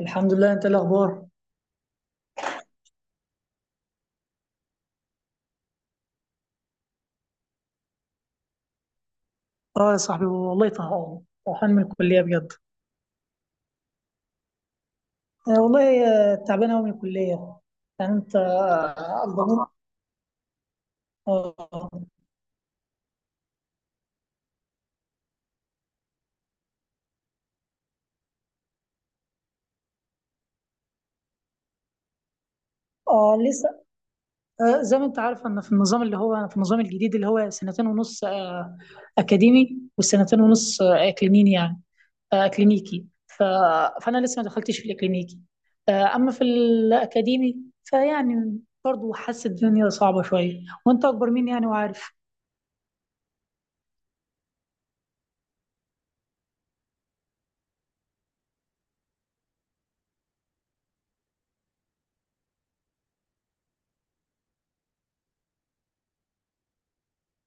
الحمد لله. انت إيه الاخبار؟ اه يا صاحبي والله طهقان من الكليه بجد. آه والله آه، تعبان قوي من الكليه. يعني انت الضغط آه, اه لسه. آه، زي ما انت عارف، انا في النظام اللي هو، في النظام الجديد اللي هو سنتين ونص اكاديمي، وسنتين ونص اكلينيني، يعني آه كلينيكي فانا لسه ما دخلتش في الاكلينيكي. آه، اما في الاكاديمي فيعني برضه حاسس الدنيا صعبه شويه، وانت اكبر مني يعني وعارف.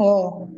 اه.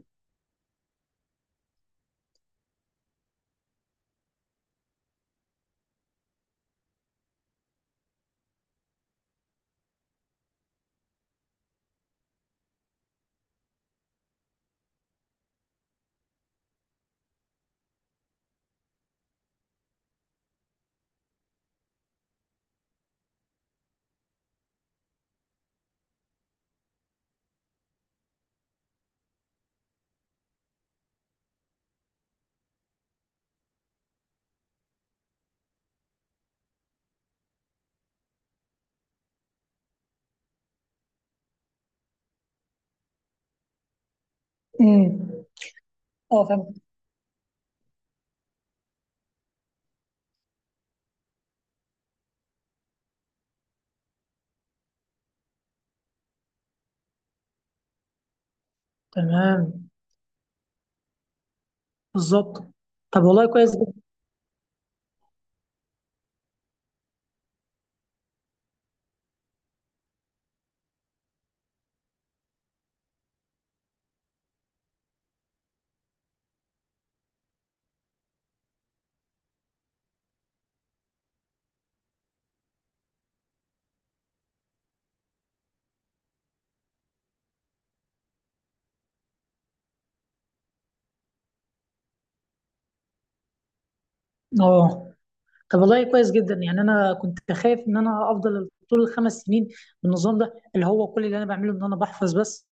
امم. اه فاهم. تمام. بالظبط. طب والله كويس جدا. اه، طب والله كويس جدا، يعني انا كنت خايف ان انا افضل طول الخمس سنين بالنظام ده، اللي هو كل اللي انا بعمله ان انا بحفظ بس،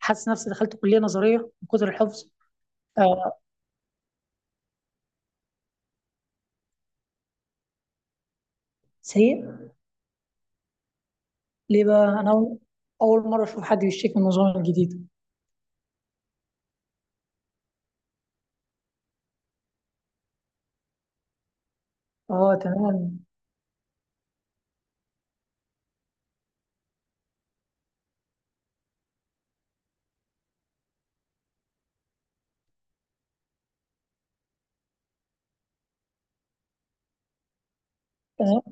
حاسس نفسي دخلت كليه نظريه من كتر الحفظ. آه. سيء. ليه بقى؟ انا أول مره اشوف حد بيشتكي من النظام الجديد. اه تمام. تمام.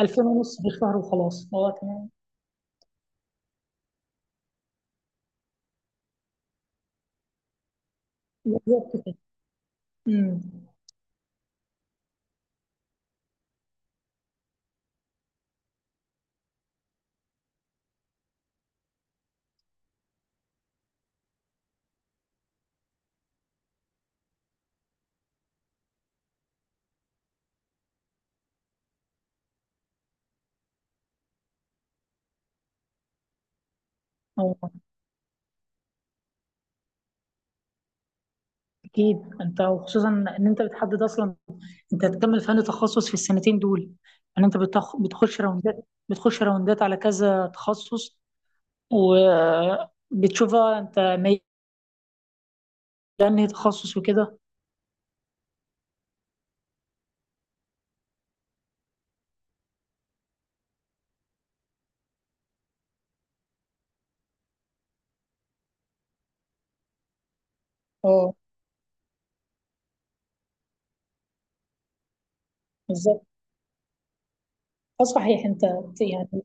2000 ونص في الشهر وخلاص، اه تمام. بالظبط كده. امم. اه اكيد، انت وخصوصا ان انت بتحدد اصلا انت هتكمل فن تخصص في السنتين دول. يعني انت بتخش راوندات، بتخش راوندات على كذا تخصص، وبتشوفها انت ميال لانهي تخصص وكده. اه بالظبط. اه صحيح انت يعني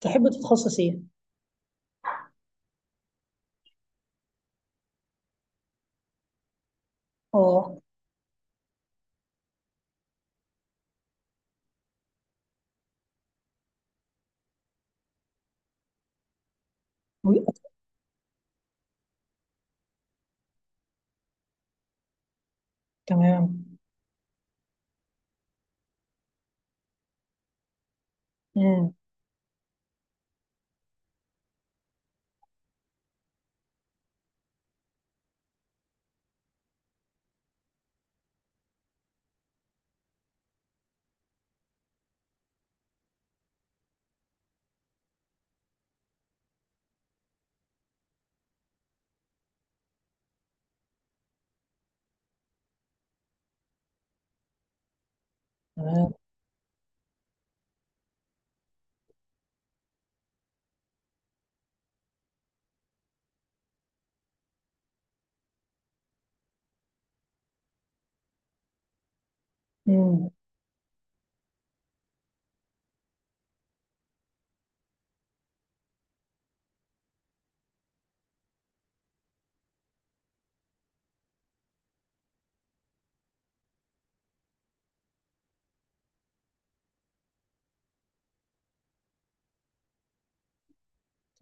تحب تتخصص ايه؟ اه و- تمام. امم. تمام. امم.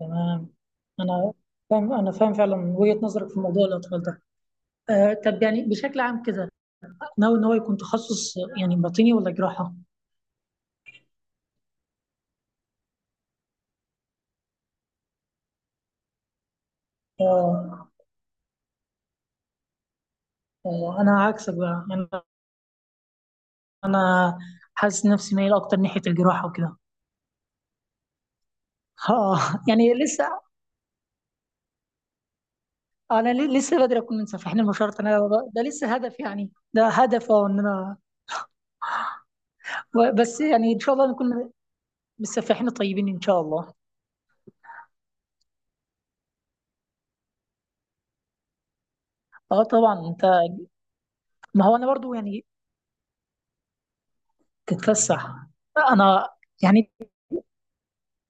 تمام. انا انا فاهم فعلا وجهة نظرك في موضوع الاطفال ده. آه طب، يعني بشكل عام كده، ناوي ان هو يكون تخصص يعني باطني ولا جراحة؟ اه. آه، انا عكسك بقى يعني. انا حاسس نفسي مايل اكتر ناحيه الجراحه وكده. اه يعني لسه، انا لسه بدري اكون منسف، احنا مش شرط، ده لسه هدف، يعني ده هدف، اه، ان انا بس يعني ان شاء الله نكون بالسفاحين طيبين ان شاء الله. اه طبعا. انت، ما هو انا برضو يعني. تتفسح؟ انا يعني،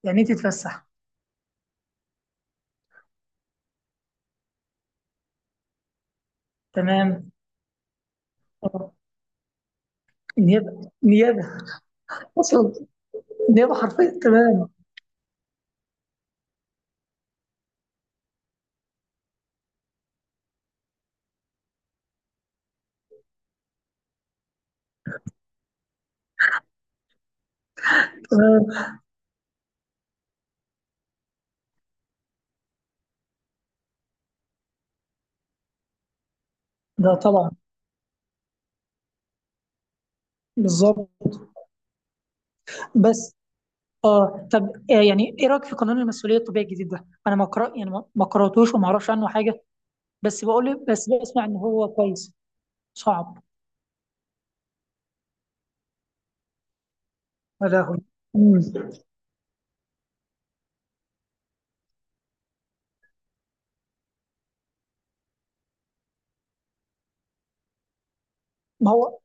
يعني إيه تتفسح؟ تمام. آه، نيابه نيابه اصلا، نيابه حرفيا، تمام. تمام. ده طبعا. بالظبط. بس اه طب، آه، يعني ايه رايك في قانون المسؤوليه الطبيه الجديد ده؟ انا ما قرأ، يعني ما قراتوش وما اعرفش عنه حاجه، بس بقول بس بسمع ان هو كويس. صعب. ولا هو. مم. ما هو.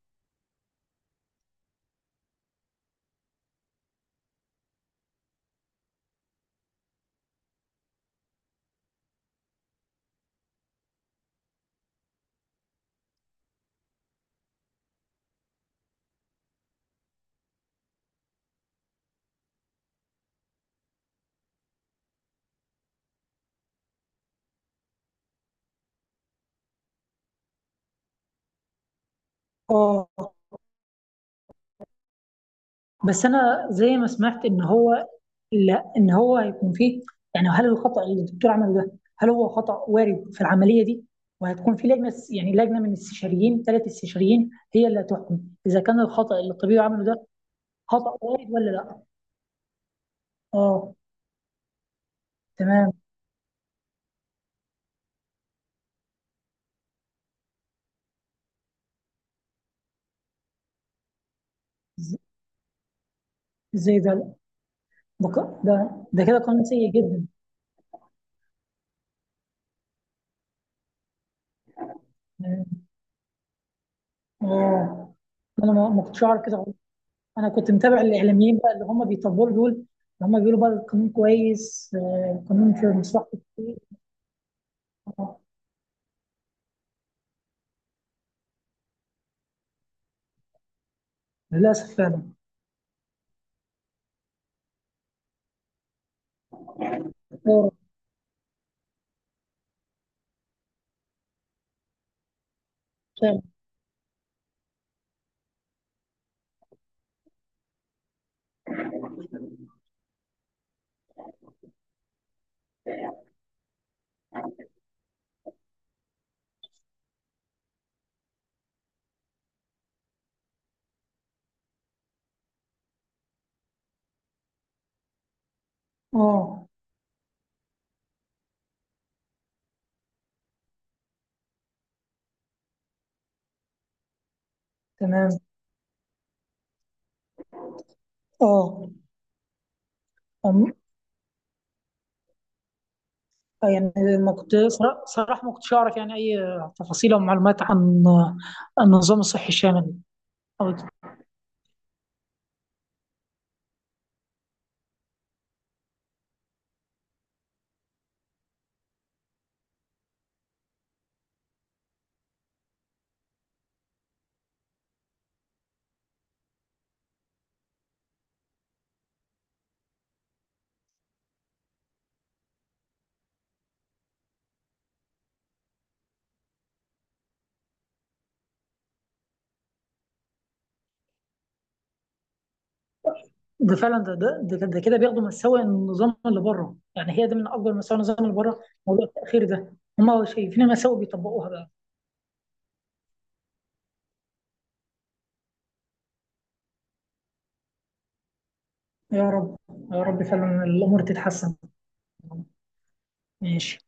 اه بس انا زي ما سمعت ان هو، لا ان هو هيكون فيه، يعني هل الخطأ اللي الدكتور عمله ده، هل هو خطأ وارد في العمليه دي؟ وهتكون في لجنه، يعني لجنه من استشاريين، ثلاث استشاريين هي اللي هتحكم اذا كان الخطأ اللي الطبيب عمله ده خطأ وارد ولا لا. اه تمام. ز- زي ده. ده كده قانون سيء جدا. اه انا ما كنتش اعرف كده خالص. انا كنت متابع الاعلاميين بقى اللي هم بيطبلوا دول، اللي هم بيقولوا بقى القانون كويس، آه، القانون في مصلحه الكتير. آه، للاسف فعلا. اه فعلا. اه تمام. اه. أم- يعني ما كنت صراحه ما كنتش اعرف يعني اي تفاصيل او معلومات عن، عن النظام الصحي الشامل. ده فعلا، ده كده بياخدوا مساوئ النظام اللي بره، يعني هي ده من اكبر مساوئ النظام اللي بره، موضوع التاخير ده. هم شايفين مساوئ بيطبقوها بقى. يا رب. يا رب فعلا الامور تتحسن. ماشي.